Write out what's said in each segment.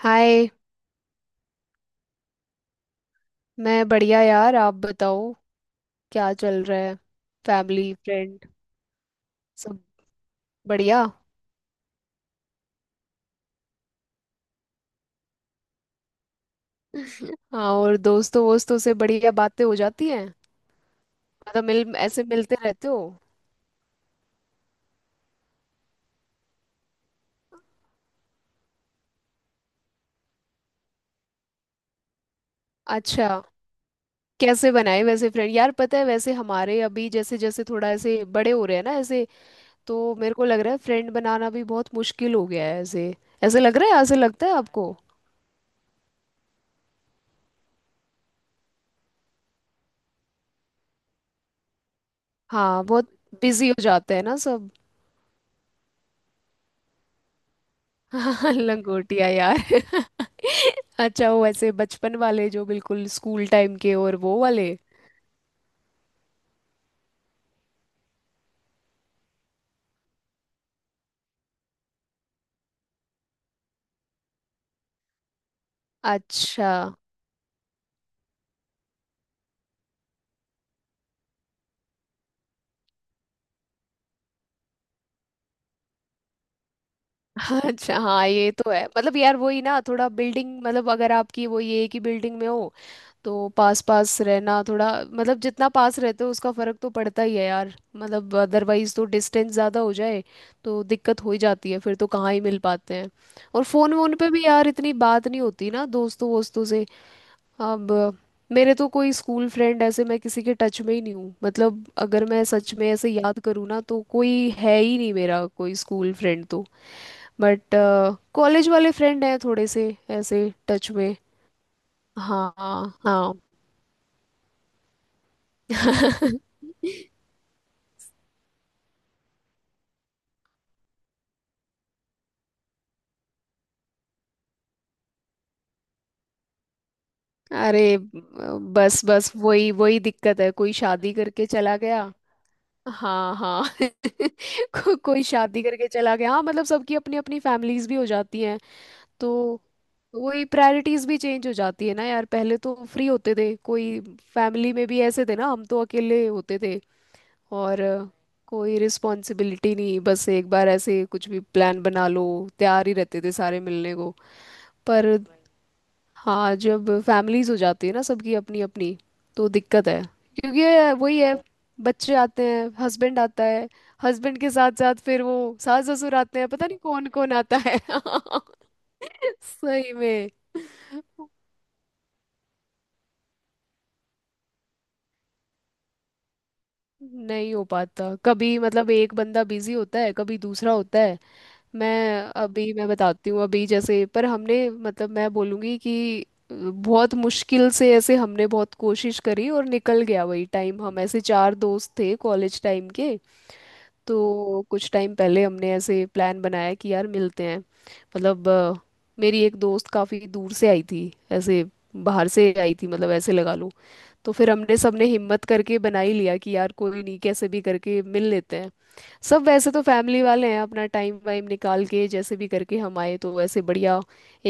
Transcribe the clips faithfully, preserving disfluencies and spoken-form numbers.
हाय। मैं बढ़िया यार, आप बताओ क्या चल रहा है? फैमिली फ्रेंड सब बढ़िया? हाँ, और दोस्तों वोस्तों से बढ़िया बातें हो जाती हैं। मतलब मिल ऐसे मिलते रहते हो? अच्छा, कैसे बनाए वैसे फ्रेंड यार? पता है, वैसे हमारे अभी जैसे जैसे थोड़ा ऐसे बड़े हो रहे हैं ना ऐसे, तो मेरे को लग रहा है फ्रेंड बनाना भी बहुत मुश्किल हो गया है ऐसे। ऐसे लग रहा है, ऐसे लगता है आपको? हाँ, बहुत बिजी हो जाते हैं ना सब। लंगोटिया। अच्छा, वो वैसे बचपन वाले जो बिल्कुल स्कूल टाइम के, और वो वाले। अच्छा। अच्छा, हाँ ये तो है। मतलब यार वही ना, थोड़ा बिल्डिंग, मतलब अगर आपकी वो ये है कि बिल्डिंग में हो, तो पास पास रहना, थोड़ा मतलब जितना पास रहते हो उसका फर्क तो पड़ता ही है यार। मतलब अदरवाइज तो डिस्टेंस ज़्यादा हो जाए तो दिक्कत हो ही जाती है, फिर तो कहाँ ही मिल पाते हैं। और फ़ोन वोन पे भी यार इतनी बात नहीं होती ना दोस्तों वोस्तों से। अब मेरे तो कोई स्कूल फ्रेंड, ऐसे मैं किसी के टच में ही नहीं हूँ। मतलब अगर मैं सच में ऐसे याद करूँ ना, तो कोई है ही नहीं मेरा कोई स्कूल फ्रेंड तो। बट कॉलेज वाले फ्रेंड हैं थोड़े से ऐसे, टच में। हाँ, हाँ। अरे, ब- बस बस वही वही दिक्कत है, कोई शादी करके चला गया। हाँ हाँ को, कोई शादी करके चला गया, हाँ मतलब सबकी अपनी अपनी फैमिलीज भी हो जाती हैं, तो वही प्रायोरिटीज भी चेंज हो जाती है ना यार। पहले तो फ्री होते थे, कोई फैमिली में भी ऐसे थे ना, हम तो अकेले होते थे, और अ, कोई रिस्पॉन्सिबिलिटी नहीं, बस एक बार ऐसे कुछ भी प्लान बना लो, तैयार ही रहते थे सारे मिलने को। पर हाँ, जब फैमिलीज हो जाती है ना सबकी अपनी अपनी, तो दिक्कत है, क्योंकि ये वही है, बच्चे आते हैं, हस्बैंड आता है, हस्बैंड के साथ साथ फिर वो सास ससुर आते हैं, पता नहीं कौन कौन आता है सही में। नहीं हो पाता कभी, मतलब एक बंदा बिजी होता है, कभी दूसरा होता है। मैं अभी मैं बताती हूँ, अभी जैसे, पर हमने, मतलब मैं बोलूँगी कि अ, बहुत मुश्किल से ऐसे हमने बहुत कोशिश करी और निकल गया वही टाइम। हम ऐसे चार दोस्त थे कॉलेज टाइम के, तो कुछ टाइम पहले हमने ऐसे प्लान बनाया कि यार मिलते हैं, मतलब अ, मेरी एक दोस्त काफ़ी दूर से आई थी ऐसे, बाहर से आई थी मतलब ऐसे लगा लो। तो फिर हमने सबने हिम्मत करके बना ही लिया कि यार कोई नहीं, कैसे भी करके मिल लेते हैं। सब वैसे तो फैमिली वाले हैं, अपना टाइम वाइम निकाल के जैसे भी करके हम आए, तो वैसे बढ़िया,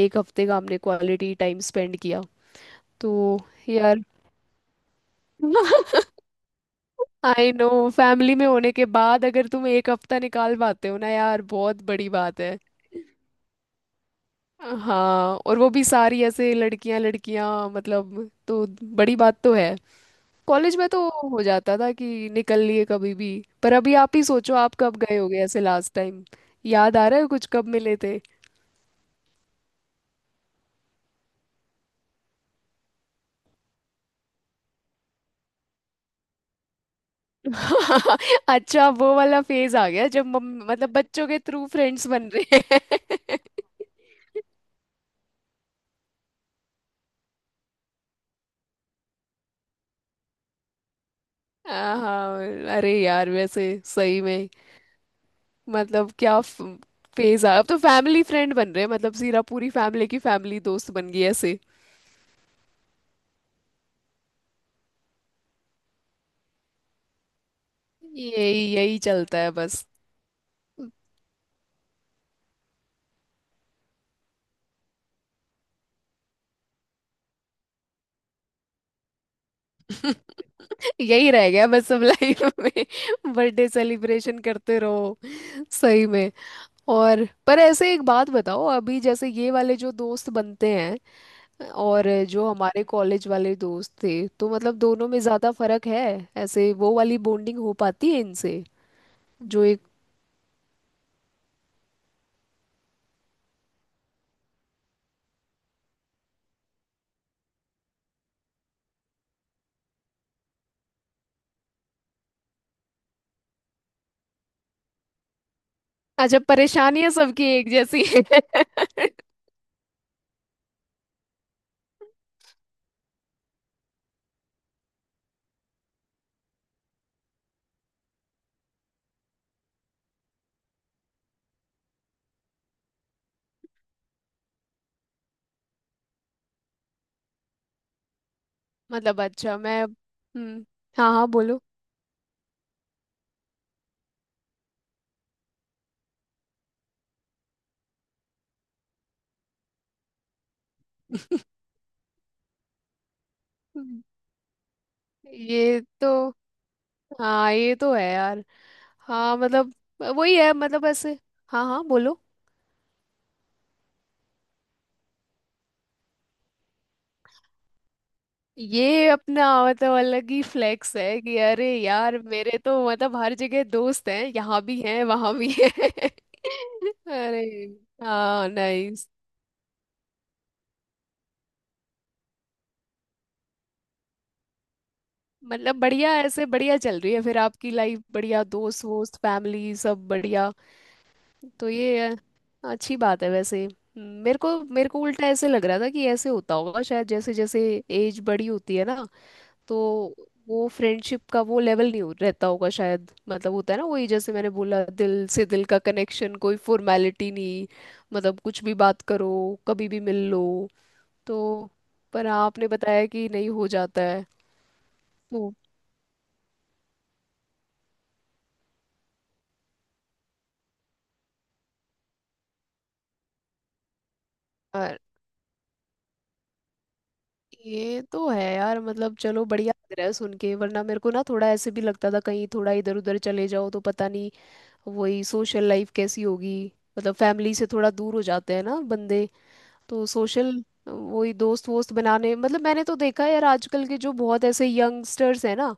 एक हफ्ते का हमने क्वालिटी टाइम स्पेंड किया। तो यार आई नो, फैमिली में होने के बाद अगर तुम एक हफ्ता निकाल पाते हो ना यार, बहुत बड़ी बात है। हाँ, और वो भी सारी ऐसे लड़कियां लड़कियां मतलब, तो बड़ी बात तो है। कॉलेज में तो हो जाता था कि निकल लिए कभी भी। पर अभी आप ही सोचो, आप कब गए होगे ऐसे लास्ट टाइम? याद आ रहा है कुछ कब मिले थे? अच्छा, वो वाला फेज आ गया जब मम- मतलब बच्चों के थ्रू फ्रेंड्स बन रहे हैं। हाँ हाँ, अरे यार वैसे सही में, मतलब क्या फेज आ, अब तो फैमिली फ्रेंड बन रहे हैं, मतलब सीरा पूरी फैमिली की फैमिली दोस्त बन गई ऐसे। यही यही चलता है बस। यही रह गया बस अब लाइफ में, बर्थडे सेलिब्रेशन करते रहो सही में। और पर ऐसे एक बात बताओ, अभी जैसे ये वाले जो दोस्त बनते हैं, और जो हमारे कॉलेज वाले दोस्त थे, तो मतलब दोनों में ज्यादा फर्क है ऐसे? वो वाली बॉन्डिंग हो पाती है इनसे जो एक? अच्छा, परेशानियां सबकी एक जैसी है मतलब। अच्छा, मैं, हम्म, हाँ हाँ बोलो। ये तो हाँ ये तो है यार। हाँ मतलब वही है मतलब ऐसे। हाँ हाँ बोलो। ये अपना मतलब अलग ही फ्लेक्स है कि अरे यार मेरे तो मतलब हर जगह दोस्त हैं, यहाँ भी हैं वहाँ भी हैं। अरे, हाँ नाइस। मतलब बढ़िया, ऐसे बढ़िया चल रही है फिर आपकी लाइफ, बढ़िया दोस्त वोस्त फैमिली सब बढ़िया। तो ये है, अच्छी बात है वैसे। मेरे को मेरे को उल्टा ऐसे लग रहा था कि ऐसे होता होगा शायद, जैसे जैसे एज बड़ी होती है ना, तो वो फ्रेंडशिप का वो लेवल नहीं हो रहता होगा शायद, मतलब होता है ना वही, जैसे मैंने बोला दिल से दिल का कनेक्शन, कोई फॉर्मेलिटी नहीं। मतलब कुछ भी बात करो, कभी भी मिल लो तो। पर आपने बताया कि नहीं, हो जाता है तो। यार, ये तो है यार, मतलब चलो बढ़िया लग रहा है सुन के, वरना मेरे को ना थोड़ा ऐसे भी लगता था कहीं, थोड़ा इधर उधर चले जाओ तो पता नहीं वही सोशल लाइफ कैसी होगी। मतलब फैमिली से थोड़ा दूर हो जाते हैं ना बंदे, तो सोशल, वही दोस्त वोस्त बनाने, मतलब मैंने तो देखा है यार आजकल के जो बहुत ऐसे यंगस्टर्स हैं ना,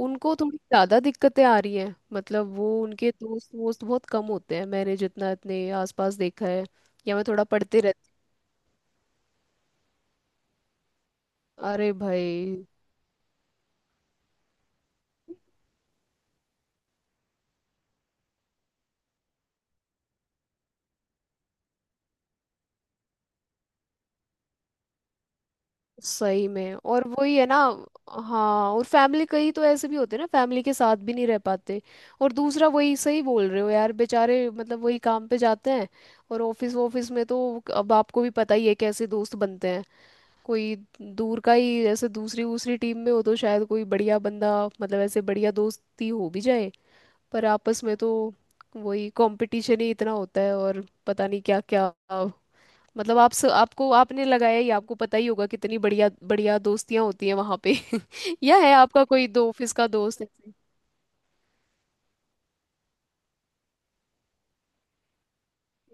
उनको थोड़ी ज़्यादा दिक्कतें आ रही हैं, मतलब वो उनके दोस्त वोस्त बहुत कम होते हैं मैंने जितना अपने आसपास देखा है, या मैं थोड़ा पढ़ते रहती हूँ। अरे भाई, सही में। और वही है ना। हाँ, और फैमिली, कई तो ऐसे भी होते हैं ना फैमिली के साथ भी नहीं रह पाते, और दूसरा वही, सही बोल रहे हो यार, बेचारे मतलब वही काम पे जाते हैं, और ऑफिस ऑफिस में तो अब आपको भी पता ही है कैसे दोस्त बनते हैं। कोई दूर का ही, जैसे दूसरी दूसरी टीम में हो तो शायद कोई बढ़िया बंदा, मतलब ऐसे बढ़िया दोस्ती हो भी जाए। पर आपस में तो वही कंपटीशन ही इतना होता है, और पता नहीं क्या क्या। मतलब आप स, आपको आपने लगाया ही, आपको पता ही होगा कितनी बढ़िया बढ़िया दोस्तियां होती हैं वहां पे। या है आपका कोई दो ऑफिस का दोस्त ऐसे?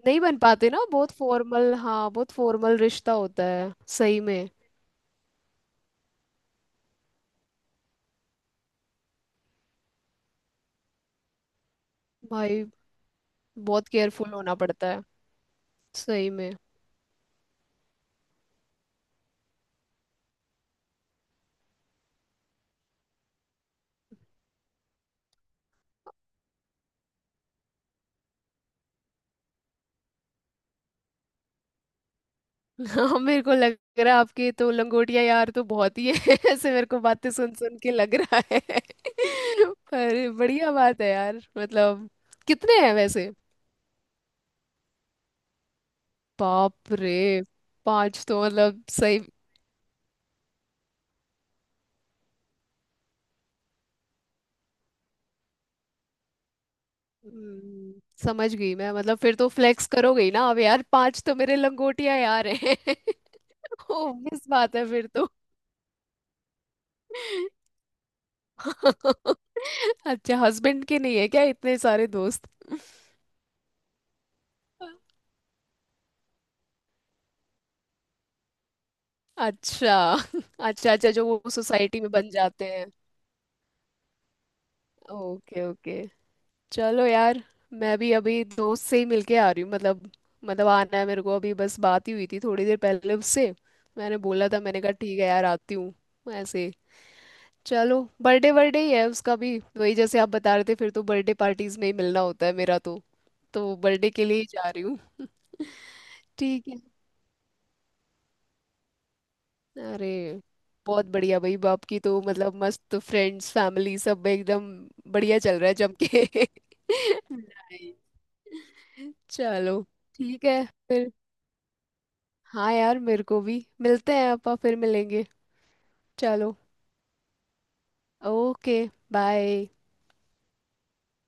नहीं बन पाते ना, बहुत फॉर्मल, हाँ बहुत फॉर्मल रिश्ता होता है सही में। भाई बहुत केयरफुल होना पड़ता है सही में। हाँ, मेरे को लग रहा है आपके तो लंगोटिया यार तो बहुत ही है ऐसे मेरे को बातें सुन सुन के लग रहा है। पर बढ़िया बात है यार मतलब। कितने हैं वैसे? बाप रे, पांच तो मतलब सही। हम्म, समझ गई मैं, मतलब फिर तो फ्लेक्स करोगे ही ना अब यार, पांच तो मेरे लंगोटिया यार हैं। ऑब्वियस बात है फिर तो। अच्छा, हस्बैंड के नहीं है क्या इतने सारे दोस्त? अच्छा अच्छा, अच्छा, जो वो सोसाइटी में बन जाते हैं। ओके ओके, चलो यार, मैं भी अभी दोस्त से ही मिलके आ रही हूँ, मतलब मतलब आना है मेरे को अभी, बस बात ही हुई थी थोड़ी देर पहले उससे, मैंने बोला था, मैंने कहा ठीक है यार आती हूँ ऐसे। चलो, बर्थडे, बर्थडे ही है उसका भी, वही जैसे आप बता रहे थे फिर तो, बर्थडे पार्टीज में ही मिलना होता है मेरा तो तो बर्थडे के लिए ही जा रही हूँ। ठीक है। अरे, बहुत बढ़िया भाई, बाप की तो मतलब मस्त, फ्रेंड्स फैमिली सब एकदम बढ़िया चल रहा है जम के। Nice. चलो, ठीक है फिर। हाँ यार मेरे को भी, मिलते हैं आपा, फिर मिलेंगे। चलो। ओके। बाय।